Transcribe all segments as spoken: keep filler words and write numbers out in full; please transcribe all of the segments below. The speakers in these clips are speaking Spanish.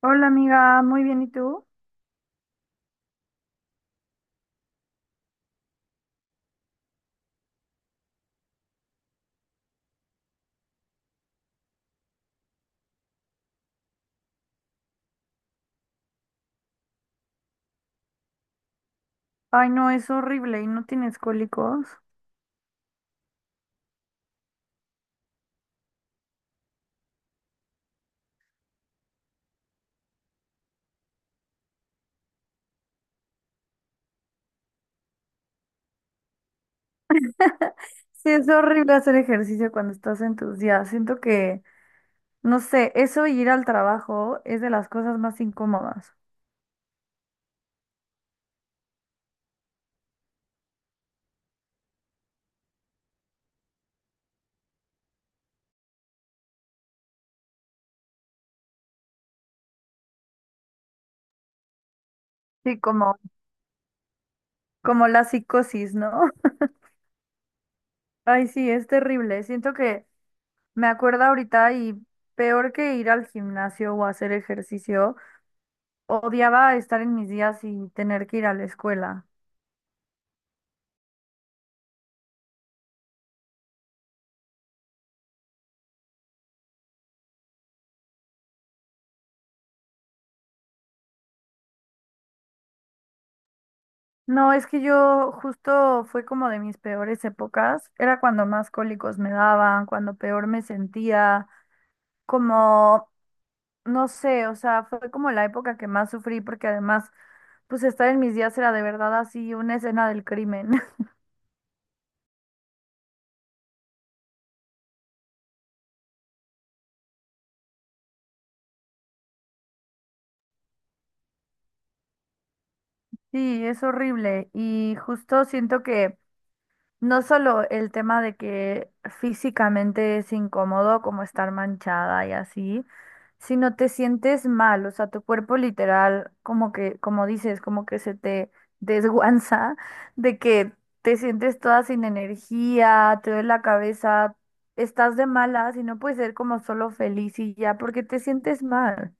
Hola amiga, muy bien, ¿y tú? Ay, no, es horrible y no tienes cólicos. Sí, es horrible hacer ejercicio cuando estás en tus días. Siento que, no sé, eso y ir al trabajo es de las cosas más incómodas. Sí, como, como la psicosis, ¿no? Ay, sí, es terrible. Siento que me acuerdo ahorita y peor que ir al gimnasio o hacer ejercicio, odiaba estar en mis días y tener que ir a la escuela. No, es que yo justo fue como de mis peores épocas. Era cuando más cólicos me daban, cuando peor me sentía, como, no sé, o sea, fue como la época que más sufrí porque además, pues estar en mis días era de verdad así una escena del crimen. Sí, es horrible y justo siento que no solo el tema de que físicamente es incómodo como estar manchada y así, sino te sientes mal, o sea, tu cuerpo literal, como que, como dices, como que se te desguanza de que te sientes toda sin energía, te duele la cabeza, estás de malas y no puedes ser como solo feliz y ya, porque te sientes mal.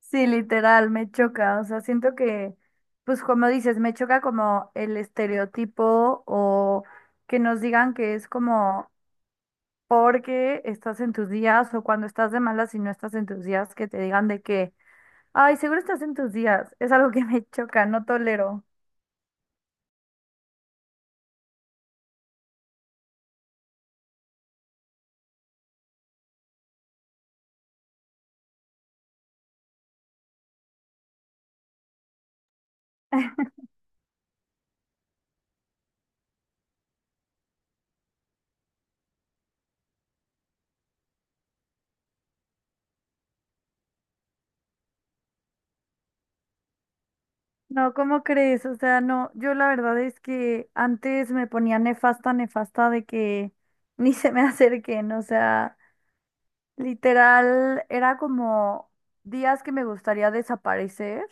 Sí, literal, me choca. O sea, siento que, pues como dices, me choca como el estereotipo o que nos digan que es como porque estás en tus días o cuando estás de malas y no estás en tus días, que te digan de que, ay, seguro estás en tus días. Es algo que me choca, no tolero. No, ¿cómo crees? O sea, no, yo la verdad es que antes me ponía nefasta, nefasta de que ni se me acerquen, o sea. Literal, era como días que me gustaría desaparecer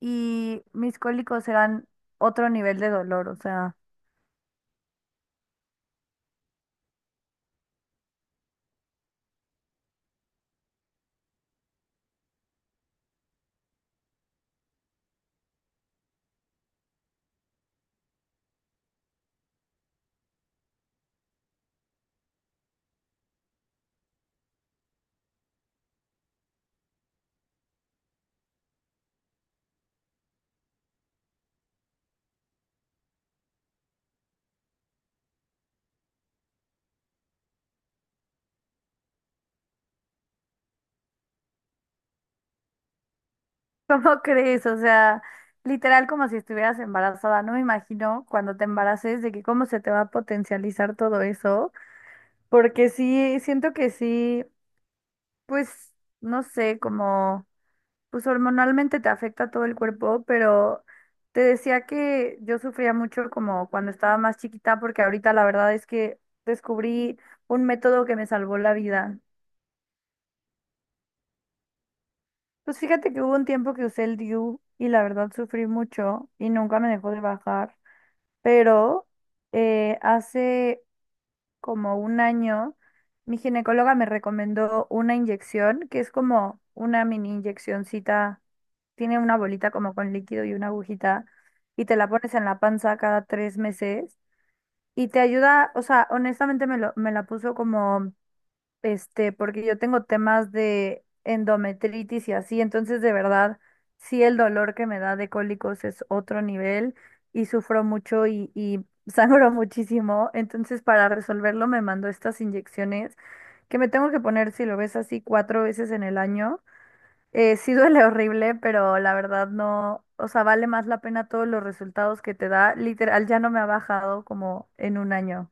y mis cólicos eran otro nivel de dolor, o sea, ¿cómo crees? O sea, literal como si estuvieras embarazada, no me imagino cuando te embaraces de que cómo se te va a potencializar todo eso, porque sí, siento que sí, pues, no sé, como... Pues hormonalmente te afecta todo el cuerpo, pero te decía que yo sufría mucho como cuando estaba más chiquita, porque ahorita la verdad es que descubrí un método que me salvó la vida. Pues fíjate que hubo un tiempo que usé el D I U y la verdad sufrí mucho y nunca me dejó de bajar, pero eh, hace como un año, mi ginecóloga me recomendó una inyección que es como una mini inyeccioncita, tiene una bolita como con líquido y una agujita y te la pones en la panza cada tres meses y te ayuda, o sea, honestamente me lo, me la puso como este, porque yo tengo temas de endometritis y así, entonces de verdad, sí el dolor que me da de cólicos es otro nivel y sufro mucho y, y sangro muchísimo, entonces para resolverlo me mandó estas inyecciones que me tengo que poner, si lo ves así, cuatro veces en el año. Eh, sí duele horrible, pero la verdad no, o sea, vale más la pena todos los resultados que te da. Literal, ya no me ha bajado como en un año.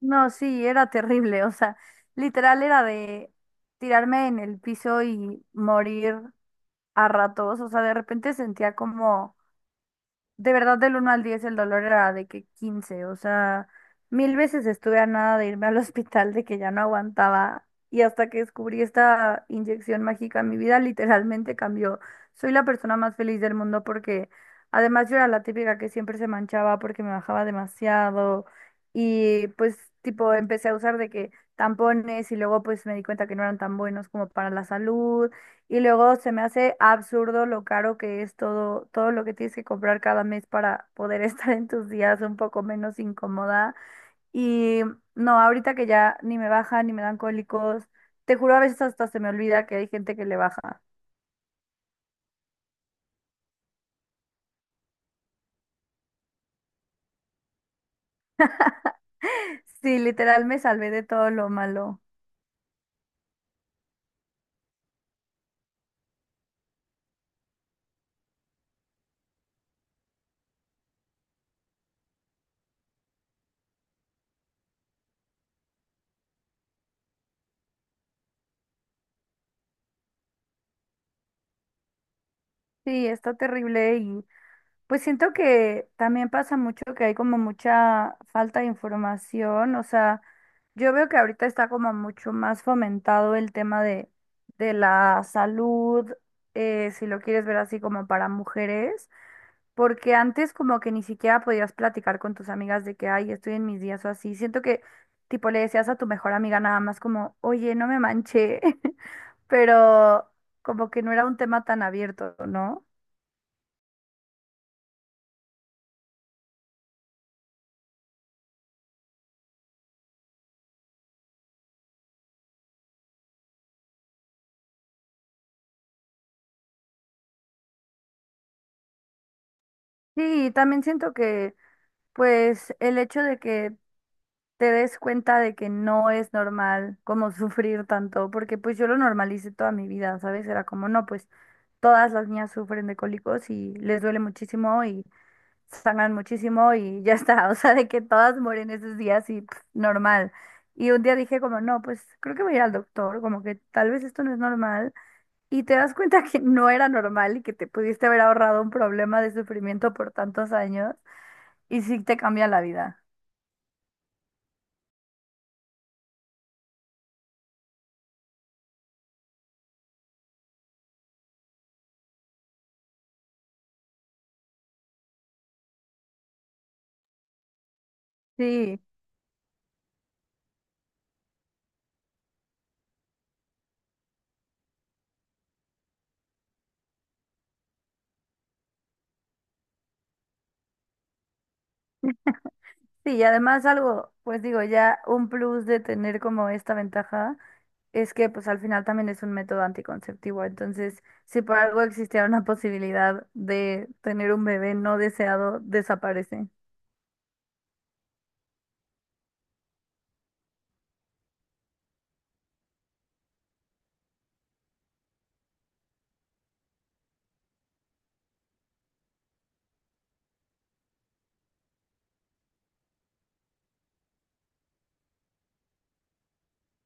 No, sí, era terrible, o sea, literal era de tirarme en el piso y morir a ratos, o sea, de repente sentía como de verdad, del uno al diez el dolor era de que quince o sea, mil veces estuve a nada de irme al hospital, de que ya no aguantaba. Y hasta que descubrí esta inyección mágica, mi vida literalmente cambió. Soy la persona más feliz del mundo porque además yo era la típica que siempre se manchaba porque me bajaba demasiado. Y pues tipo empecé a usar de que tampones y luego pues me di cuenta que no eran tan buenos como para la salud. Y luego se me hace absurdo lo caro que es todo, todo lo que tienes que comprar cada mes para poder estar en tus días un poco menos incómoda. Y no, ahorita que ya ni me baja ni me dan cólicos, te juro a veces hasta se me olvida que hay gente que le baja. Sí, literal me salvé de todo lo malo. Sí, está terrible y pues siento que también pasa mucho que hay como mucha falta de información, o sea... Yo veo que ahorita está como mucho más fomentado el tema de, de la salud, eh, si lo quieres ver así como para mujeres, porque antes como que ni siquiera podías platicar con tus amigas de que, ay, estoy en mis días o así. Siento que tipo le decías a tu mejor amiga nada más como, oye, no me manché, pero como que no era un tema tan abierto, ¿no? Sí, y también siento que pues el hecho de que te des cuenta de que no es normal como sufrir tanto, porque pues yo lo normalicé toda mi vida, ¿sabes? Era como, no, pues todas las niñas sufren de cólicos y les duele muchísimo y sangran muchísimo y ya está, o sea, de que todas mueren esos días y pff, normal. Y un día dije como, no, pues creo que voy a ir al doctor, como que tal vez esto no es normal. Y te das cuenta que no era normal y que te pudiste haber ahorrado un problema de sufrimiento por tantos años y sí te cambia la vida. Sí. Sí, y además algo, pues digo, ya un plus de tener como esta ventaja es que pues al final también es un método anticonceptivo. Entonces, si por algo existiera una posibilidad de tener un bebé no deseado, desaparece.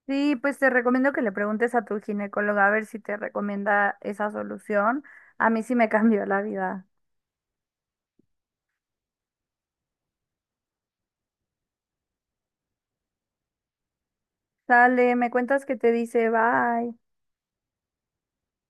Sí, pues te recomiendo que le preguntes a tu ginecóloga a ver si te recomienda esa solución. A mí sí me cambió la vida. Sale, me cuentas que te dice, bye.